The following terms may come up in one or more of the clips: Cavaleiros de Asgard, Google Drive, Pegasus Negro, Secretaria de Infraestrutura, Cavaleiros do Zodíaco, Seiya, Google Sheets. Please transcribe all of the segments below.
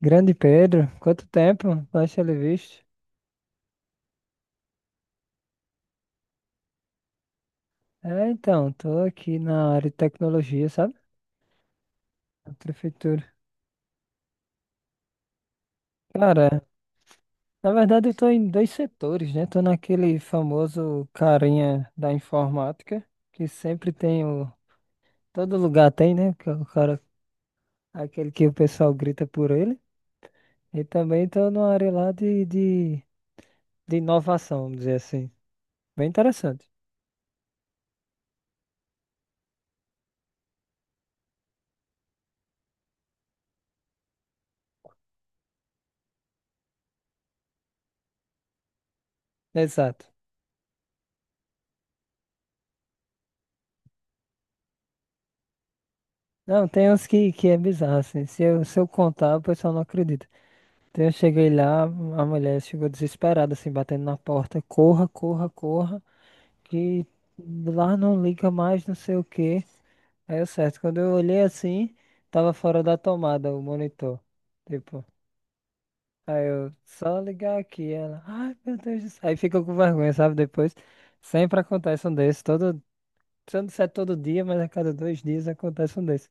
Grande Pedro, quanto tempo? Baixa ele visto. É, então, tô aqui na área de tecnologia, sabe? Na prefeitura. Cara, na verdade eu tô em dois setores, né? Tô naquele famoso carinha da informática, que sempre tem o. Todo lugar tem, né? Que é o cara, aquele que o pessoal grita por ele. E também tô numa área lá de inovação, vamos dizer assim. Bem interessante. Exato. Não, tem uns que é bizarro, assim. Se eu contar, o pessoal não acredita. Então eu cheguei lá, a mulher chegou desesperada, assim, batendo na porta. Corra, corra, corra, que lá não liga mais, não sei o quê. Aí eu certo, quando eu olhei assim, tava fora da tomada o monitor. Tipo, aí eu só ligar aqui. Ela, ai meu Deus do céu. Aí fica com vergonha, sabe? Depois sempre acontece um desses. Todo, se eu não disser todo dia, mas a cada 2 dias acontece um desses.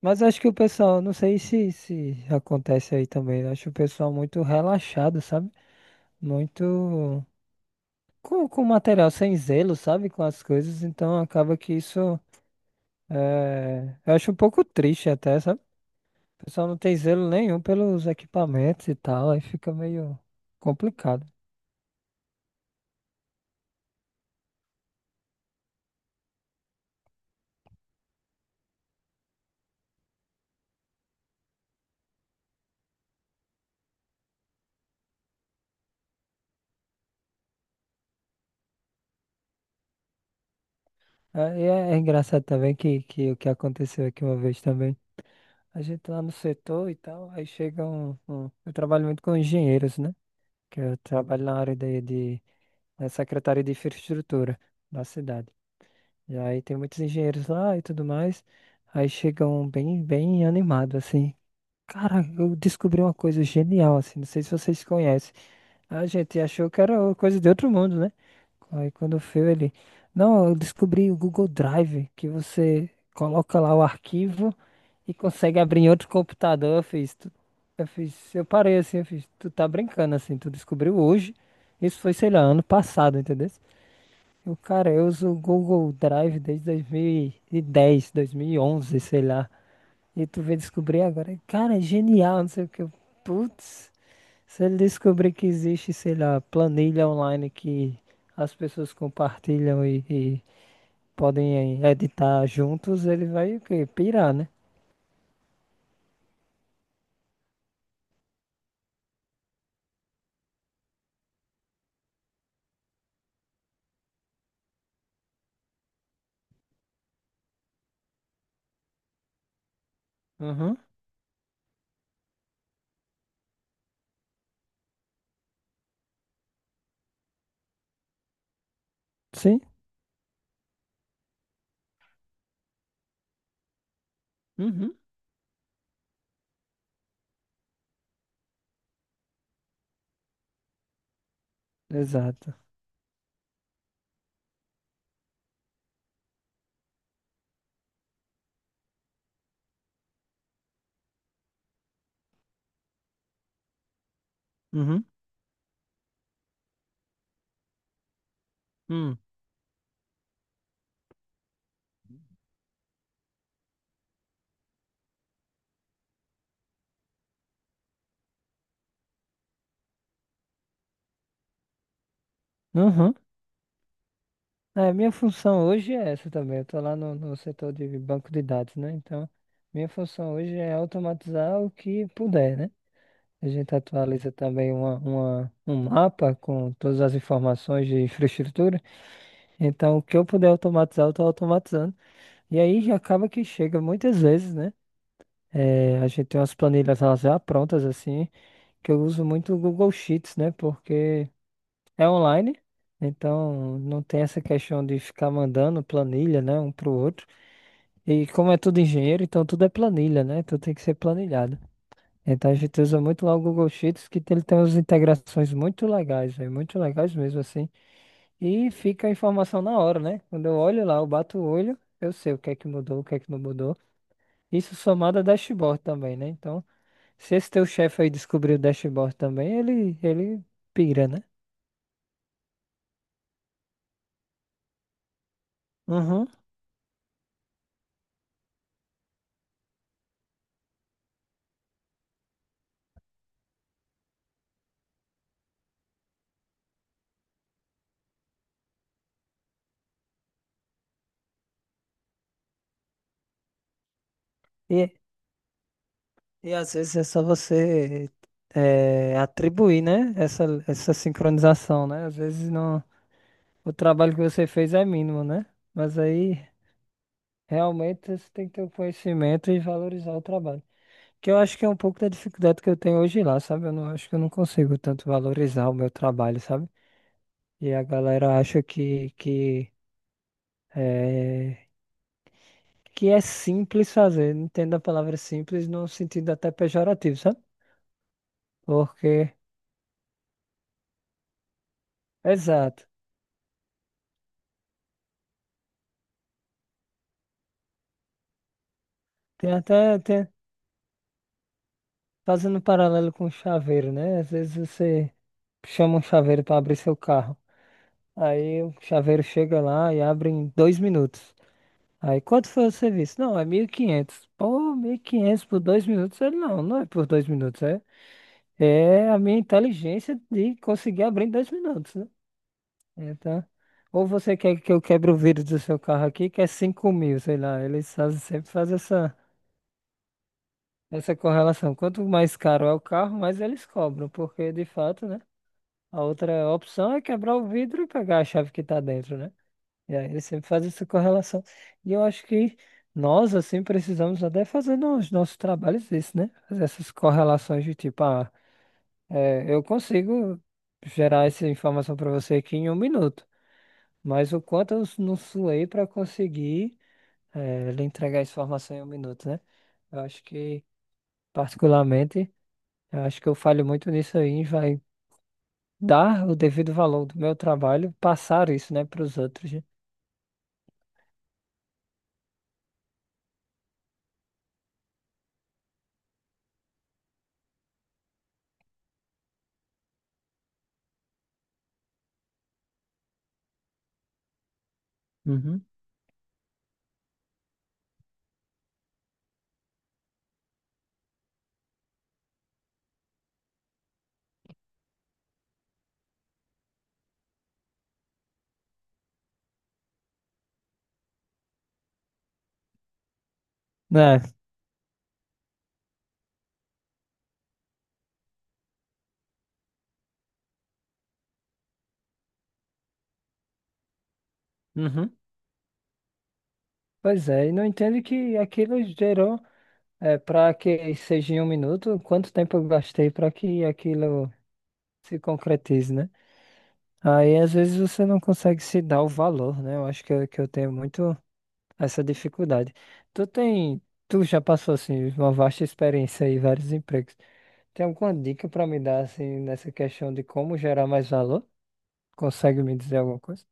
Mas eu acho que o pessoal, não sei se acontece aí também. Eu acho o pessoal muito relaxado, sabe? Muito com material sem zelo, sabe? Com as coisas, então acaba que isso é, eu acho um pouco triste até, sabe? O pessoal não tem zelo nenhum pelos equipamentos e tal, aí fica meio complicado. É, e é engraçado também que o que aconteceu aqui uma vez também. A gente lá no setor e tal, aí chega um, eu trabalho muito com engenheiros, né? Que eu trabalho na área na Secretaria de Infraestrutura da cidade. E aí tem muitos engenheiros lá e tudo mais. Aí chegam bem, bem animados, assim. Cara, eu descobri uma coisa genial, assim. Não sei se vocês conhecem. A gente achou que era coisa de outro mundo, né? Aí quando foi ele. Não, eu descobri o Google Drive, que você coloca lá o arquivo e consegue abrir em outro computador. Eu fiz, eu fiz, eu parei assim, eu fiz, tu tá brincando assim, tu descobriu hoje. Isso foi, sei lá, ano passado, entendeu? Cara, eu uso o Google Drive desde 2010, 2011, sei lá. E tu veio descobrir agora. Cara, é genial, não sei o que. Putz, se ele descobrir que existe, sei lá, planilha online que as pessoas compartilham e podem editar juntos, ele vai o quê? Pirar, né? Uhum. Sim. Uhum. Exato. Uhum. Hum. Uhum. É, minha função hoje é essa também. Eu tô lá no setor de banco de dados, né? Então, minha função hoje é automatizar o que puder, né? A gente atualiza também um mapa com todas as informações de infraestrutura. Então, o que eu puder automatizar, eu estou automatizando. E aí já acaba que chega muitas vezes, né? É, a gente tem umas planilhas elas já prontas assim, que eu uso muito o Google Sheets, né? Porque é online, então não tem essa questão de ficar mandando planilha, né, um pro outro. E como é tudo engenheiro, então tudo é planilha, né? Tudo tem que ser planilhado. Então a gente usa muito lá o Google Sheets, que ele tem umas integrações muito legais, véio, muito legais mesmo assim. E fica a informação na hora, né? Quando eu olho lá, eu bato o olho, eu sei o que é que mudou, o que é que não mudou. Isso somado a dashboard também, né? Então, se esse teu chefe aí descobrir o dashboard também, ele pira, né? Uhum. E às vezes é só você atribuir, né? Essa sincronização, né? Às vezes não, o trabalho que você fez é mínimo, né? Mas aí realmente você tem que ter o conhecimento e valorizar o trabalho. Que eu acho que é um pouco da dificuldade que eu tenho hoje lá, sabe? Eu não acho que eu não consigo tanto valorizar o meu trabalho, sabe? E a galera acha é que é simples fazer. Entendo a palavra simples no sentido até pejorativo, sabe? Porque, exato. Tem até, tem, Fazendo um paralelo com o chaveiro, né? Às vezes você chama um chaveiro para abrir seu carro. Aí o chaveiro chega lá e abre em 2 minutos. Aí quanto foi o serviço? Não, é 1.500. Pô, 1.500 por 2 minutos? Ele não, não é por 2 minutos. É a minha inteligência de conseguir abrir em 2 minutos, né? Então, ou você quer que eu quebre o vidro do seu carro aqui, que é 5.000, sei lá. Eles fazem, sempre fazem essa correlação. Quanto mais caro é o carro, mais eles cobram, porque de fato, né? A outra opção é quebrar o vidro e pegar a chave que tá dentro, né? E aí ele sempre faz essa correlação. E eu acho que nós, assim, precisamos até fazer nos nossos trabalhos isso, né? Fazer essas correlações de tipo, ah, é, eu consigo gerar essa informação para você aqui em 1 minuto, mas o quanto eu não suei para conseguir lhe entregar essa informação em 1 minuto, né? Eu acho que, particularmente, eu acho que eu falho muito nisso aí, vai dar o devido valor do meu trabalho, passar isso, né, para os outros, né? Uhum. Né? Uhum. Pois é, e não entendo que aquilo gerou, para que seja em 1 minuto, quanto tempo eu gastei para que aquilo se concretize, né? Aí às vezes você não consegue se dar o valor, né? Eu acho que que eu tenho muito essa dificuldade. Tu tem, tu já passou assim uma vasta experiência aí, vários empregos. Tem alguma dica para me dar assim nessa questão de como gerar mais valor? Consegue me dizer alguma coisa?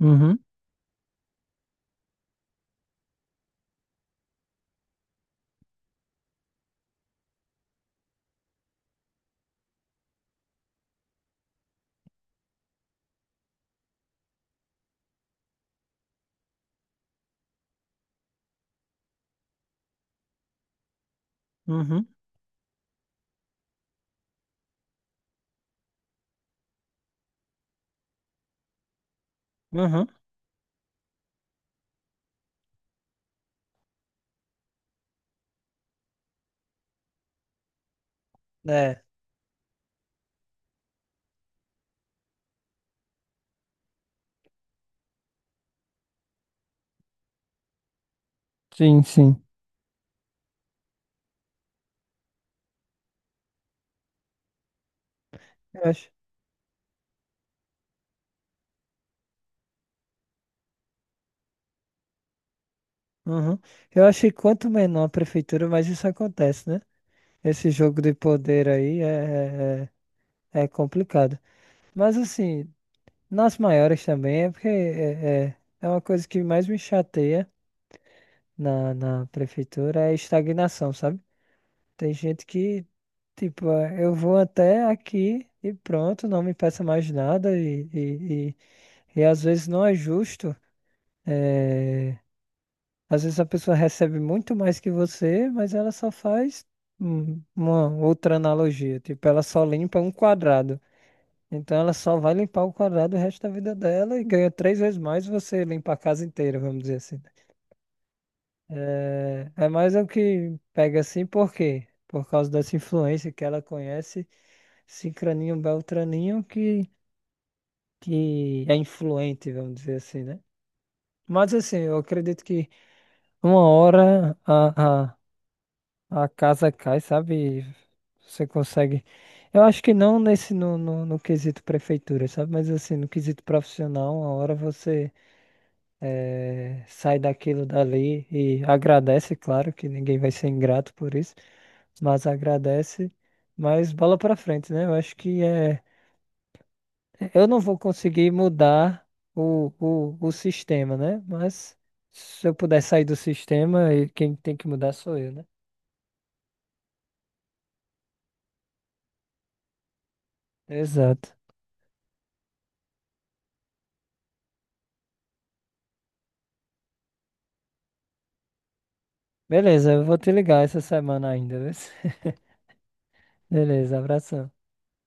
Uhum, uhum, uhum. É, sim, sim. Eu acho. Uhum. Eu acho que quanto menor a prefeitura, mais isso acontece, né? Esse jogo de poder aí é complicado. Mas assim, nas maiores também é porque é uma coisa que mais me chateia na prefeitura é a estagnação, sabe? Tem gente que, tipo, é, eu vou até aqui e pronto, não me peça mais nada e às vezes não é justo. é, Às vezes a pessoa recebe muito mais que você, mas ela só faz uma outra analogia. Tipo, ela só limpa um quadrado. Então ela só vai limpar o quadrado o resto da vida dela e ganha três vezes mais você limpar a casa inteira, vamos dizer assim. É, é mais o que pega assim, por quê? Por causa dessa influência que ela conhece, Cicraninho Beltraninho, que é influente, vamos dizer assim, né? Mas assim, eu acredito que uma hora a casa cai, sabe? Você consegue. Eu acho que não nesse no quesito prefeitura, sabe? Mas assim, no quesito profissional, uma hora você sai daquilo dali e agradece, claro que ninguém vai ser ingrato por isso, mas agradece, mas bola pra frente, né? Eu acho que é. Eu não vou conseguir mudar o sistema, né? Mas se eu puder sair do sistema, e quem tem que mudar sou eu, né? Exato. Beleza, eu vou te ligar essa semana ainda, viu? Beleza, abração.